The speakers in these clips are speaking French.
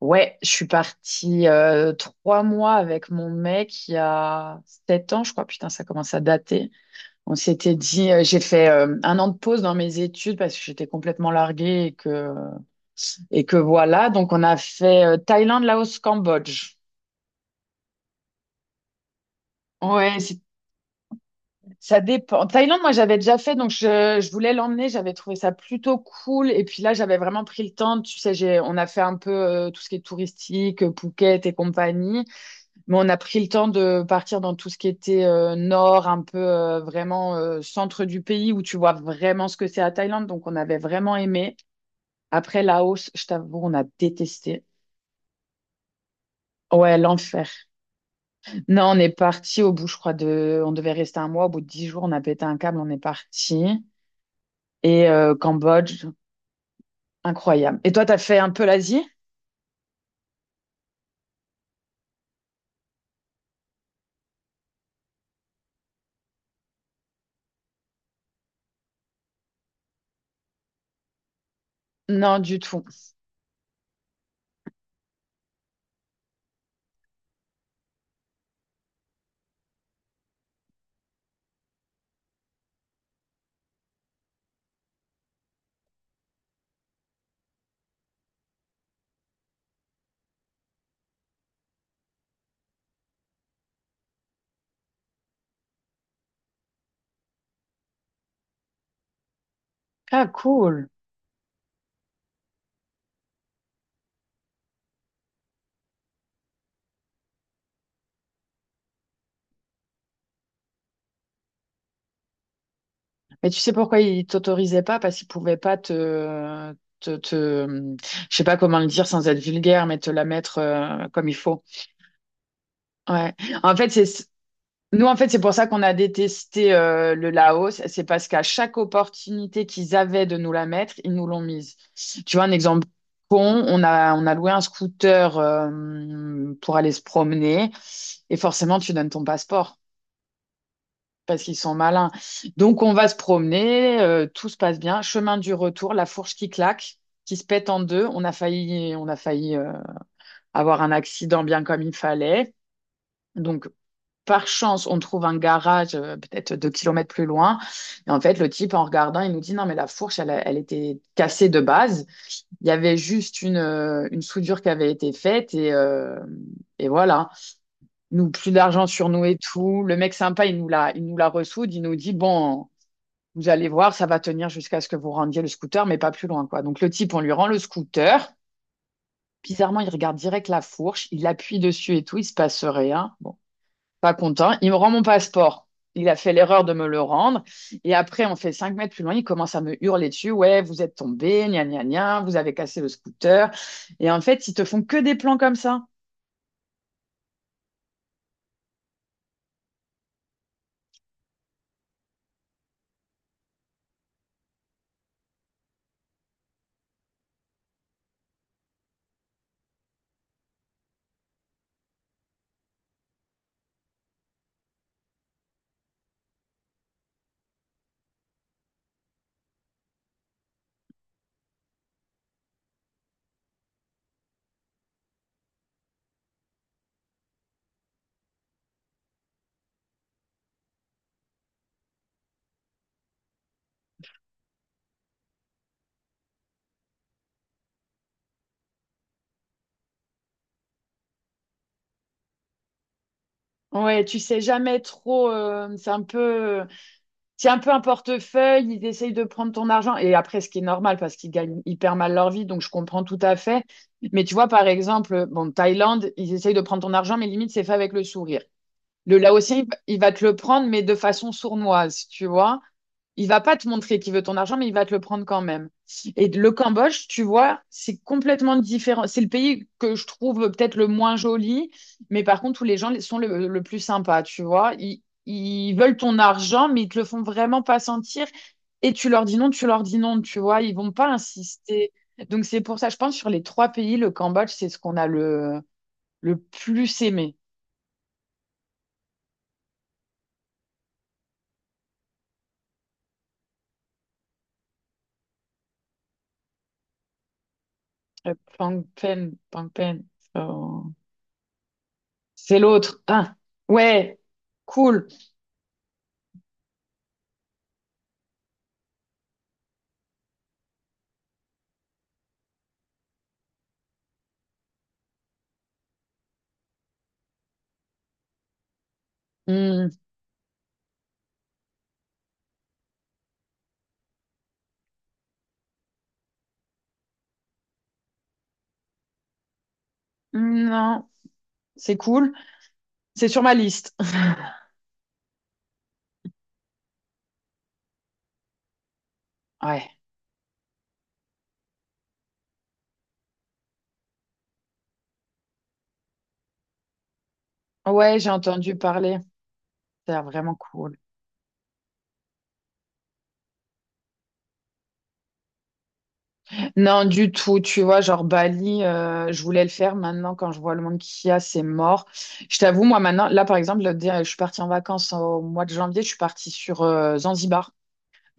Ouais, je suis partie 3 mois avec mon mec il y a 7 ans, je crois. Putain, ça commence à dater. On s'était dit, j'ai fait 1 an de pause dans mes études parce que j'étais complètement larguée et que voilà. Donc, on a fait Thaïlande, Laos, Cambodge. Ouais, c'est- Ça dépend. Thaïlande, moi, j'avais déjà fait, donc je voulais l'emmener. J'avais trouvé ça plutôt cool. Et puis là, j'avais vraiment pris le temps. Tu sais, on a fait un peu tout ce qui est touristique, Phuket et compagnie. Mais on a pris le temps de partir dans tout ce qui était nord, un peu vraiment centre du pays où tu vois vraiment ce que c'est la Thaïlande. Donc on avait vraiment aimé. Après Laos, je t'avoue, on a détesté. Ouais, l'enfer. Non, on est parti au bout, je crois, de... On devait rester 1 mois. Au bout de 10 jours, on a pété un câble, on est parti. Et Cambodge, incroyable. Et toi, t'as fait un peu l'Asie? Non, du tout. Ah, cool. Mais tu sais pourquoi ils t'autorisaient pas? Parce qu'ils pouvaient pas te, je sais pas comment le dire sans être vulgaire, mais te la mettre comme il faut. Ouais. En fait, nous, en fait, c'est pour ça qu'on a détesté le Laos. C'est parce qu'à chaque opportunité qu'ils avaient de nous la mettre, ils nous l'ont mise. Tu vois, un exemple con, on a loué un scooter pour aller se promener et forcément, tu donnes ton passeport parce qu'ils sont malins. Donc on va se promener, tout se passe bien. Chemin du retour, la fourche qui claque, qui se pète en deux. On a failli avoir un accident bien comme il fallait. Donc par chance, on trouve un garage peut-être 2 kilomètres plus loin. Et en fait, le type, en regardant, il nous dit, non, mais la fourche, elle était cassée de base. Il y avait juste une soudure qui avait été faite et voilà. Nous, plus d'argent sur nous et tout. Le mec sympa, il nous la ressoude. Il nous dit, bon, vous allez voir, ça va tenir jusqu'à ce que vous rendiez le scooter, mais pas plus loin, quoi. Donc le type, on lui rend le scooter. Bizarrement, il regarde direct la fourche, il appuie dessus et tout, il se passe rien. Bon, pas content. Il me rend mon passeport. Il a fait l'erreur de me le rendre. Et après, on fait 5 mètres plus loin, il commence à me hurler dessus. Ouais, vous êtes tombé, gna gna gna, vous avez cassé le scooter. Et en fait, ils te font que des plans comme ça. Ouais, tu sais jamais trop. C'est un peu. Tiens un peu un portefeuille, ils essayent de prendre ton argent. Et après, ce qui est normal parce qu'ils gagnent hyper mal leur vie, donc je comprends tout à fait. Mais tu vois, par exemple, bon, Thaïlande, ils essayent de prendre ton argent, mais limite, c'est fait avec le sourire. Le Laotien, il va te le prendre, mais de façon sournoise, tu vois. Il va pas te montrer qu'il veut ton argent, mais il va te le prendre quand même. Et le Cambodge, tu vois, c'est complètement différent. C'est le pays que je trouve peut-être le moins joli, mais par contre, où les gens sont le plus sympas, tu vois. Ils veulent ton argent, mais ils te le font vraiment pas sentir. Et tu leur dis non, tu leur dis non, tu vois. Ils vont pas insister. Donc, c'est pour ça, je pense, sur les trois pays, le Cambodge, c'est ce qu'on a le plus aimé. Le Phnom Penh, so- C'est l'autre. Ah, ouais, cool. Hmm, hmm, non, c'est cool. C'est sur ma liste. Ouais, ouais, j'ai entendu parler. C'est vraiment cool. Non, du tout. Tu vois, genre Bali, je voulais le faire. Maintenant, quand je vois le monde qu'il y a, c'est mort. Je t'avoue, moi, maintenant, là, par exemple, je suis partie en vacances au mois de janvier. Je suis partie sur Zanzibar.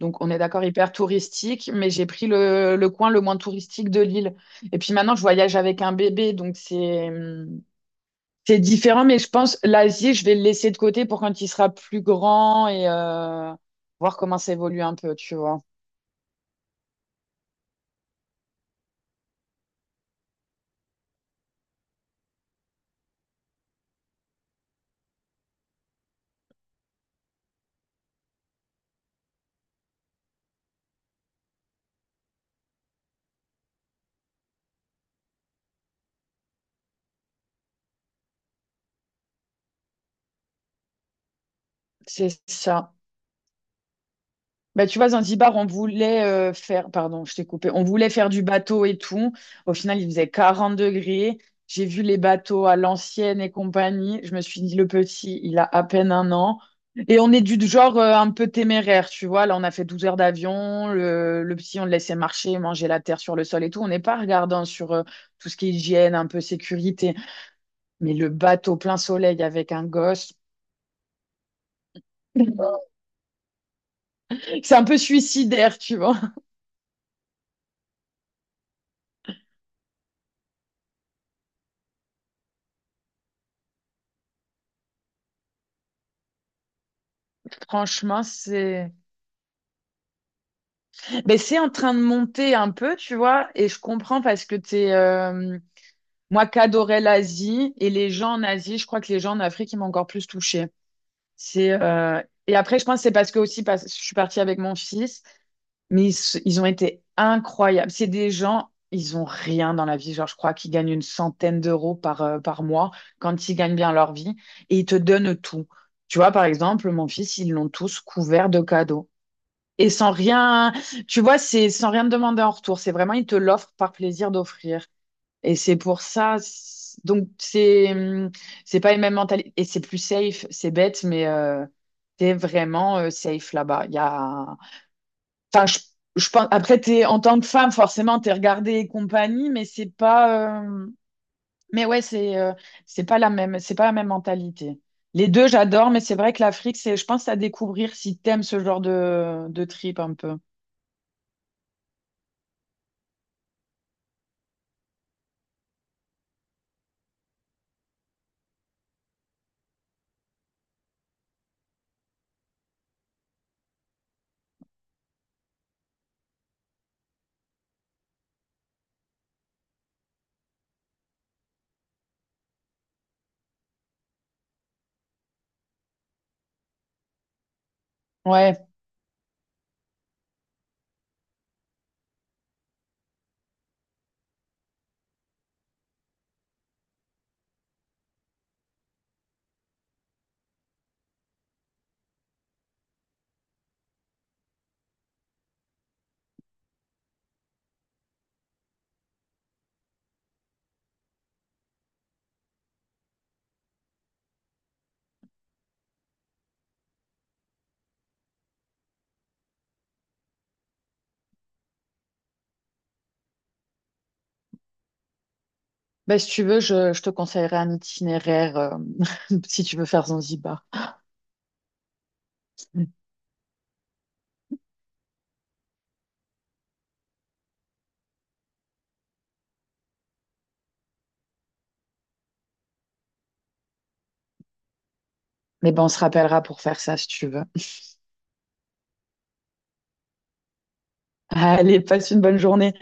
Donc, on est d'accord, hyper touristique, mais j'ai pris le coin le moins touristique de l'île. Et puis maintenant, je voyage avec un bébé, donc c'est différent, mais je pense l'Asie, je vais le laisser de côté pour quand il sera plus grand et voir comment ça évolue un peu, tu vois. C'est ça. Bah, tu vois, Zanzibar, on voulait faire, pardon, je t'ai coupé, on voulait faire du bateau et tout. Au final, il faisait 40 degrés. J'ai vu les bateaux à l'ancienne et compagnie. Je me suis dit, le petit, il a à peine 1 an. Et on est du genre un peu téméraire, tu vois. Là, on a fait 12 heures d'avion. Le petit, on le laissait marcher, manger la terre sur le sol et tout. On n'est pas regardant sur tout ce qui est hygiène, un peu sécurité. Mais le bateau plein soleil avec un gosse, c'est un peu suicidaire, tu vois. Franchement, c'est. Ben c'est en train de monter un peu, tu vois, et je comprends parce que moi qu'adorais l'Asie et les gens en Asie, je crois que les gens en Afrique, ils m'ont encore plus touchée. Et après, je pense que c'est parce que aussi, parce que je suis partie avec mon fils, mais ils ont été incroyables. C'est des gens, ils ont rien dans la vie. Genre, je crois qu'ils gagnent une centaine d'euros par mois quand ils gagnent bien leur vie et ils te donnent tout. Tu vois, par exemple, mon fils, ils l'ont tous couvert de cadeaux. Et sans rien, tu vois, c'est sans rien te demander en retour. C'est vraiment, ils te l'offrent par plaisir d'offrir. Et c'est pour ça. Donc, c'est pas les mêmes mentalités. Et c'est plus safe. C'est bête, mais t'es vraiment safe là-bas. Il y a... Enfin, je pense... Après, t'es, en tant que femme, forcément, t'es regardée et compagnie, mais c'est pas... Mais ouais, c'est pas la même, c'est pas la même mentalité. Les deux, j'adore, mais c'est vrai que l'Afrique, c'est, je pense, à découvrir si t'aimes ce genre de trip un peu. Ouais. Bah, si tu veux, je te conseillerais un itinéraire si tu veux faire Zanzibar. Mais ben, on se rappellera pour faire ça si tu veux. Allez, passe une bonne journée.